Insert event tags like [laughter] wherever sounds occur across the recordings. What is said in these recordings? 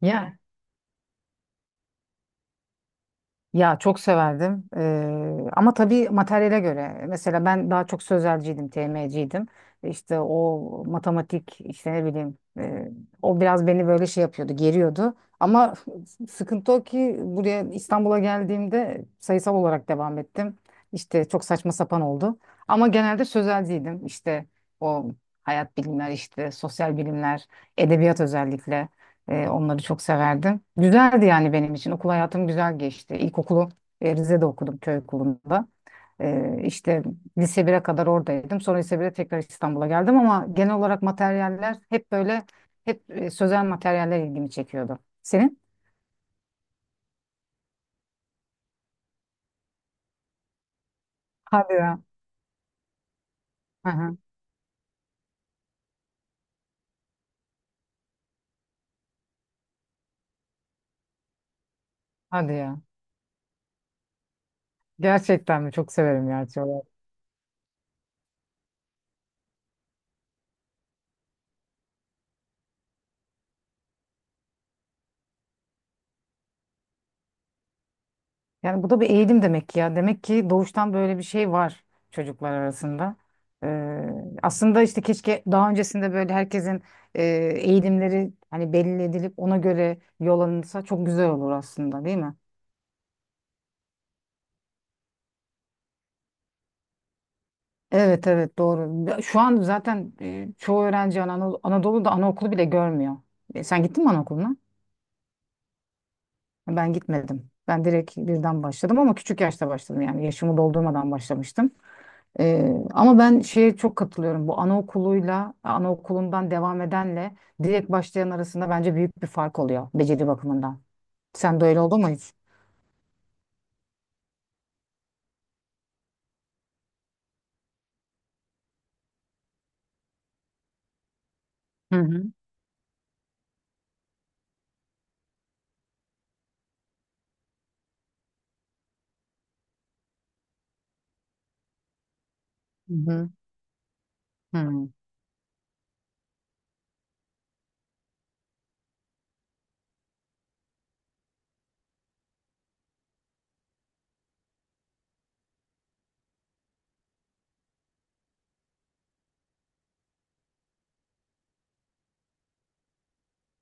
Ya ya, çok severdim. Ama tabii materyale göre. Mesela ben daha çok sözelciydim, TM'ciydim. İşte o matematik işte ne bileyim o biraz beni böyle şey yapıyordu, geriyordu. Ama [laughs] sıkıntı o ki buraya İstanbul'a geldiğimde sayısal olarak devam ettim. İşte çok saçma sapan oldu. Ama genelde sözelciydim. İşte o hayat bilimler, işte sosyal bilimler, edebiyat özellikle. Onları çok severdim. Güzeldi yani benim için. Okul hayatım güzel geçti. İlkokulu Rize'de okudum köy okulunda. İşte lise 1'e kadar oradaydım. Sonra lise 1'e tekrar İstanbul'a geldim ama genel olarak materyaller hep böyle hep sözel materyaller ilgimi çekiyordu. Senin? Hadi ya. Hı hı. Hadi ya. Gerçekten mi? Çok severim ya. Yani bu da bir eğilim demek ki ya. Demek ki doğuştan böyle bir şey var çocuklar arasında. Ee, Aslında işte keşke daha öncesinde böyle herkesin e, eğilimleri hani belli edilip ona göre yol alınsa çok güzel olur aslında değil mi? Evet evet, doğru. Ya, şu an zaten çoğu öğrenci Anadolu'da anaokulu bile görmüyor. Sen gittin mi anaokuluna? Ben gitmedim. Ben direkt birden başladım ama küçük yaşta başladım yani yaşımı doldurmadan başlamıştım. Ee, Ama ben şeye çok katılıyorum. Bu anaokuluyla, anaokulundan devam edenle direkt başlayan arasında bence büyük bir fark oluyor beceri bakımından. Sen de öyle oldu mu hiç? Hı hı. Hı hı. Hı.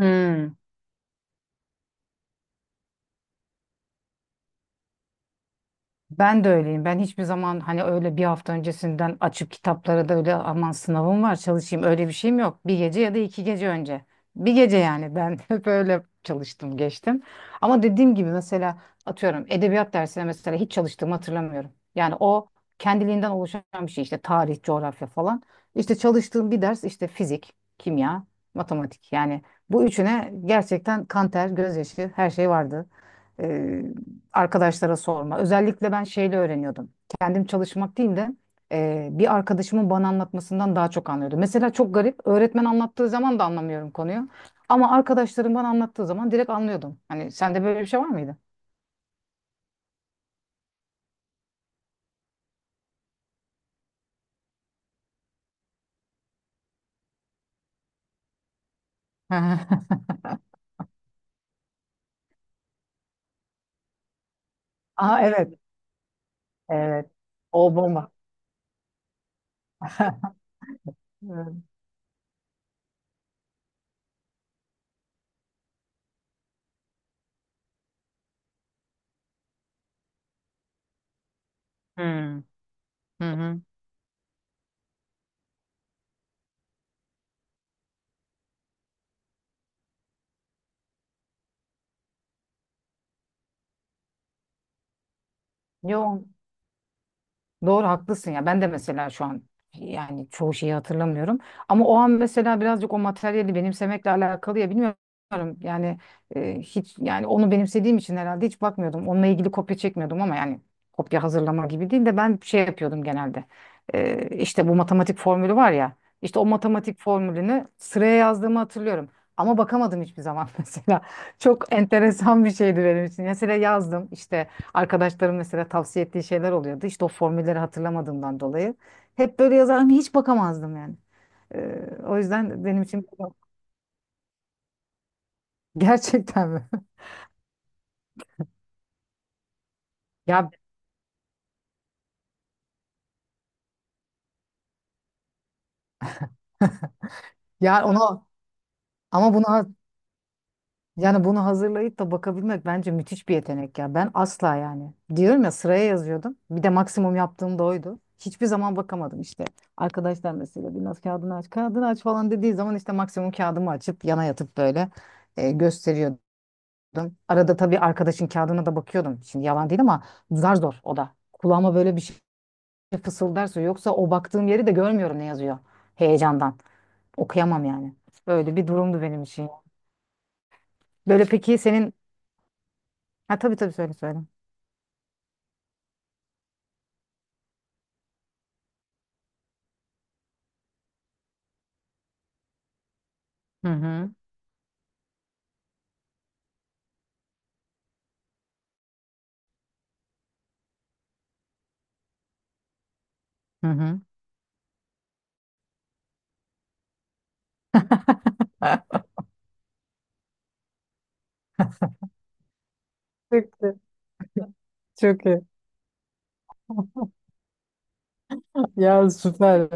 Hı. Ben de öyleyim. Ben hiçbir zaman hani öyle bir hafta öncesinden açıp kitaplara da öyle aman sınavım var çalışayım öyle bir şeyim yok. Bir gece ya da iki gece önce. Bir gece yani ben [laughs] hep öyle çalıştım geçtim. Ama dediğim gibi mesela atıyorum edebiyat dersine mesela hiç çalıştığımı hatırlamıyorum. Yani o kendiliğinden oluşan bir şey işte tarih, coğrafya falan. İşte çalıştığım bir ders işte fizik, kimya, matematik. Yani bu üçüne gerçekten kan ter, gözyaşı her şey vardı e, arkadaşlara sorma. Özellikle ben şeyle öğreniyordum. Kendim çalışmak değil de bir arkadaşımın bana anlatmasından daha çok anlıyordum. Mesela çok garip. Öğretmen anlattığı zaman da anlamıyorum konuyu. Ama arkadaşlarım bana anlattığı zaman direkt anlıyordum. Hani sende böyle bir şey var mıydı? [laughs] Aa, evet. Evet. O bomba. [laughs] Hmm. Hmm. Hı hı. Yok. Doğru, haklısın ya. Ben de mesela şu an yani çoğu şeyi hatırlamıyorum. Ama o an mesela birazcık o materyali benimsemekle alakalı ya, bilmiyorum. Yani hiç yani onu benimsediğim için herhalde hiç bakmıyordum. Onunla ilgili kopya çekmiyordum ama yani kopya hazırlama gibi değil de ben şey yapıyordum genelde. İşte bu matematik formülü var ya. İşte o matematik formülünü sıraya yazdığımı hatırlıyorum. Ama bakamadım hiçbir zaman [laughs] mesela. Çok enteresan bir şeydi benim için. Mesela yazdım işte arkadaşlarım mesela tavsiye ettiği şeyler oluyordu. İşte o formülleri hatırlamadığımdan dolayı. Hep böyle yazardım. Hiç bakamazdım yani. O yüzden benim için [laughs] gerçekten mi? Ya ya, ona ama buna yani bunu hazırlayıp da bakabilmek bence müthiş bir yetenek ya. Ben asla yani. Diyorum ya, sıraya yazıyordum. Bir de maksimum yaptığım da oydu. Hiçbir zaman bakamadım işte. Arkadaşlar mesela biraz kağıdını aç, kağıdını aç falan dediği zaman işte maksimum kağıdımı açıp yana yatıp böyle gösteriyordu. Arada tabii arkadaşın kağıdına da bakıyordum. Şimdi yalan değil ama zar zor o da. Kulağıma böyle bir şey fısıldarsa yoksa o baktığım yeri de görmüyorum ne yazıyor heyecandan. Okuyamam yani. Böyle bir durumdu benim için. Böyle peki senin... Ha, tabii tabii, söyle söyle. Hı hı. Hı hı. Çok iyi. Çok iyi. Ya, süper.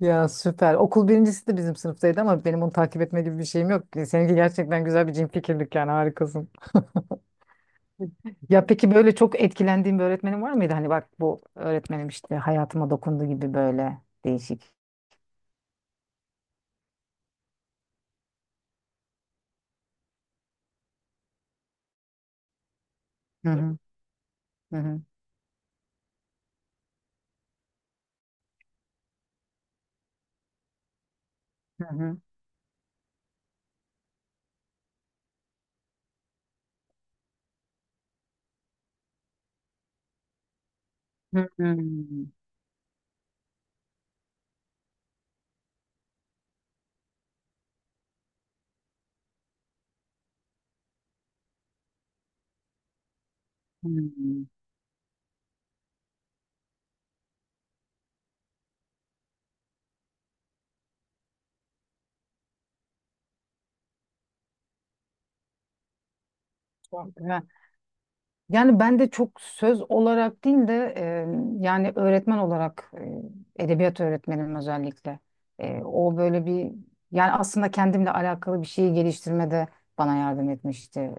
Ya, süper. Okul birincisi de bizim sınıftaydı ama benim onu takip etme gibi bir şeyim yok. Seninki gerçekten güzel bir cin fikirlik, yani harikasın. Ya, peki böyle çok etkilendiğin bir öğretmenin var mıydı? Hani bak, bu öğretmenim işte hayatıma dokundu gibi böyle değişik. Hı hı. Hı hı. Hı hı. Hı hı. Hı hı. Yani ben de çok söz olarak değil de yani öğretmen olarak edebiyat öğretmenim özellikle. O böyle bir yani aslında kendimle alakalı bir şeyi geliştirmede bana yardım etmişti.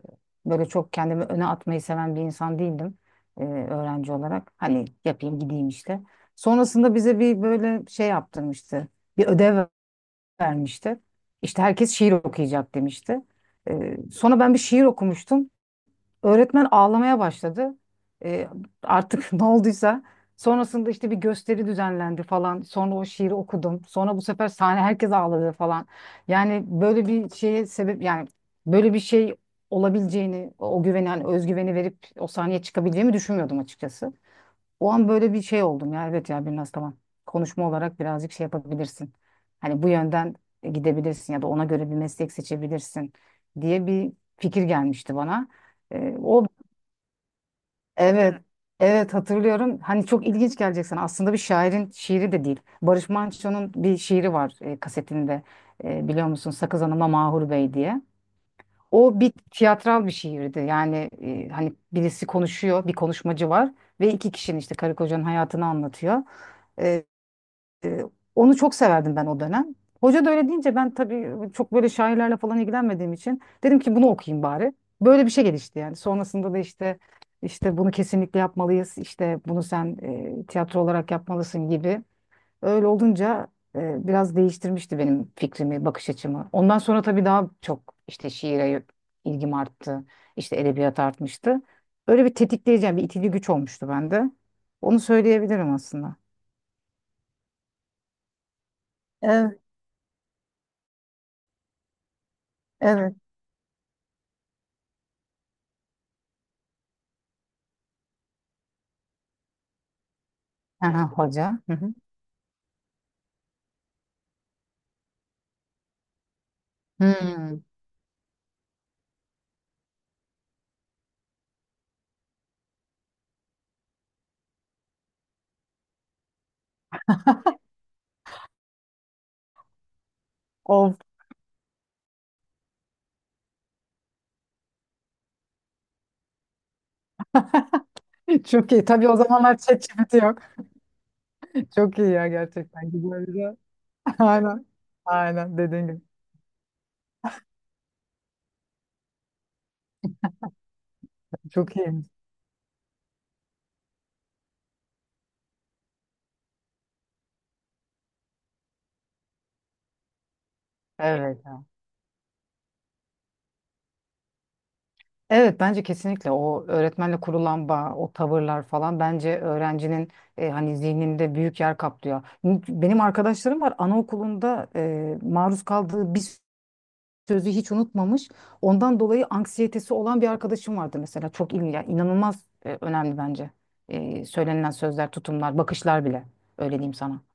Böyle çok kendimi öne atmayı seven bir insan değildim öğrenci olarak. Hani yapayım gideyim işte. Sonrasında bize bir böyle şey yaptırmıştı. Bir ödev vermişti. İşte herkes şiir okuyacak demişti. Sonra ben bir şiir okumuştum. Öğretmen ağlamaya başladı. Ee, Artık [laughs] ne olduysa. Sonrasında işte bir gösteri düzenlendi falan. Sonra o şiiri okudum. Sonra bu sefer sahne herkes ağladı falan. Yani böyle bir şeye sebep yani böyle bir şey olabileceğini, o güveni hani özgüveni verip o sahneye çıkabileceğimi düşünmüyordum açıkçası. O an böyle bir şey oldum ya, evet ya, biraz tamam. Konuşma olarak birazcık şey yapabilirsin. Hani bu yönden gidebilirsin ya da ona göre bir meslek seçebilirsin diye bir fikir gelmişti bana. O Evet, evet hatırlıyorum. Hani çok ilginç gelecek sana. Aslında bir şairin şiiri de değil. Barış Manço'nun bir şiiri var kasetinde. Biliyor musun? Sakız Hanım'a Mahur Bey diye. O bir tiyatral bir şiirdi. Yani hani birisi konuşuyor, bir konuşmacı var ve iki kişinin işte karı kocanın hayatını anlatıyor. E, e, Onu çok severdim ben o dönem. Hoca da öyle deyince ben tabii çok böyle şairlerle falan ilgilenmediğim için dedim ki bunu okuyayım bari. Böyle bir şey gelişti yani. Sonrasında da işte bunu kesinlikle yapmalıyız. İşte bunu sen tiyatro olarak yapmalısın gibi. Öyle olunca biraz değiştirmişti benim fikrimi, bakış açımı. Ondan sonra tabii daha çok işte şiire ilgim arttı. İşte edebiyat artmıştı. Öyle bir tetikleyici, yani bir itici güç olmuştu bende. Onu söyleyebilirim aslında. Evet, evet. Aha, hoca. Hı hı. Hmm. Of, [laughs] çok iyi. Tabii o zamanlar ChatGPT yok. Çok iyi ya, gerçekten. Güzel güzel. [laughs] Aynen. Aynen dediğin gibi. Çok iyiymiş. Evet. Evet, bence kesinlikle o öğretmenle kurulan bağ, o tavırlar falan bence öğrencinin hani zihninde büyük yer kaplıyor. Benim arkadaşlarım var, anaokulunda maruz kaldığı bir sözü hiç unutmamış. Ondan dolayı anksiyetesi olan bir arkadaşım vardı mesela. Çok ilginç, yani inanılmaz önemli bence. Söylenilen sözler, tutumlar, bakışlar bile. Öyle diyeyim sana.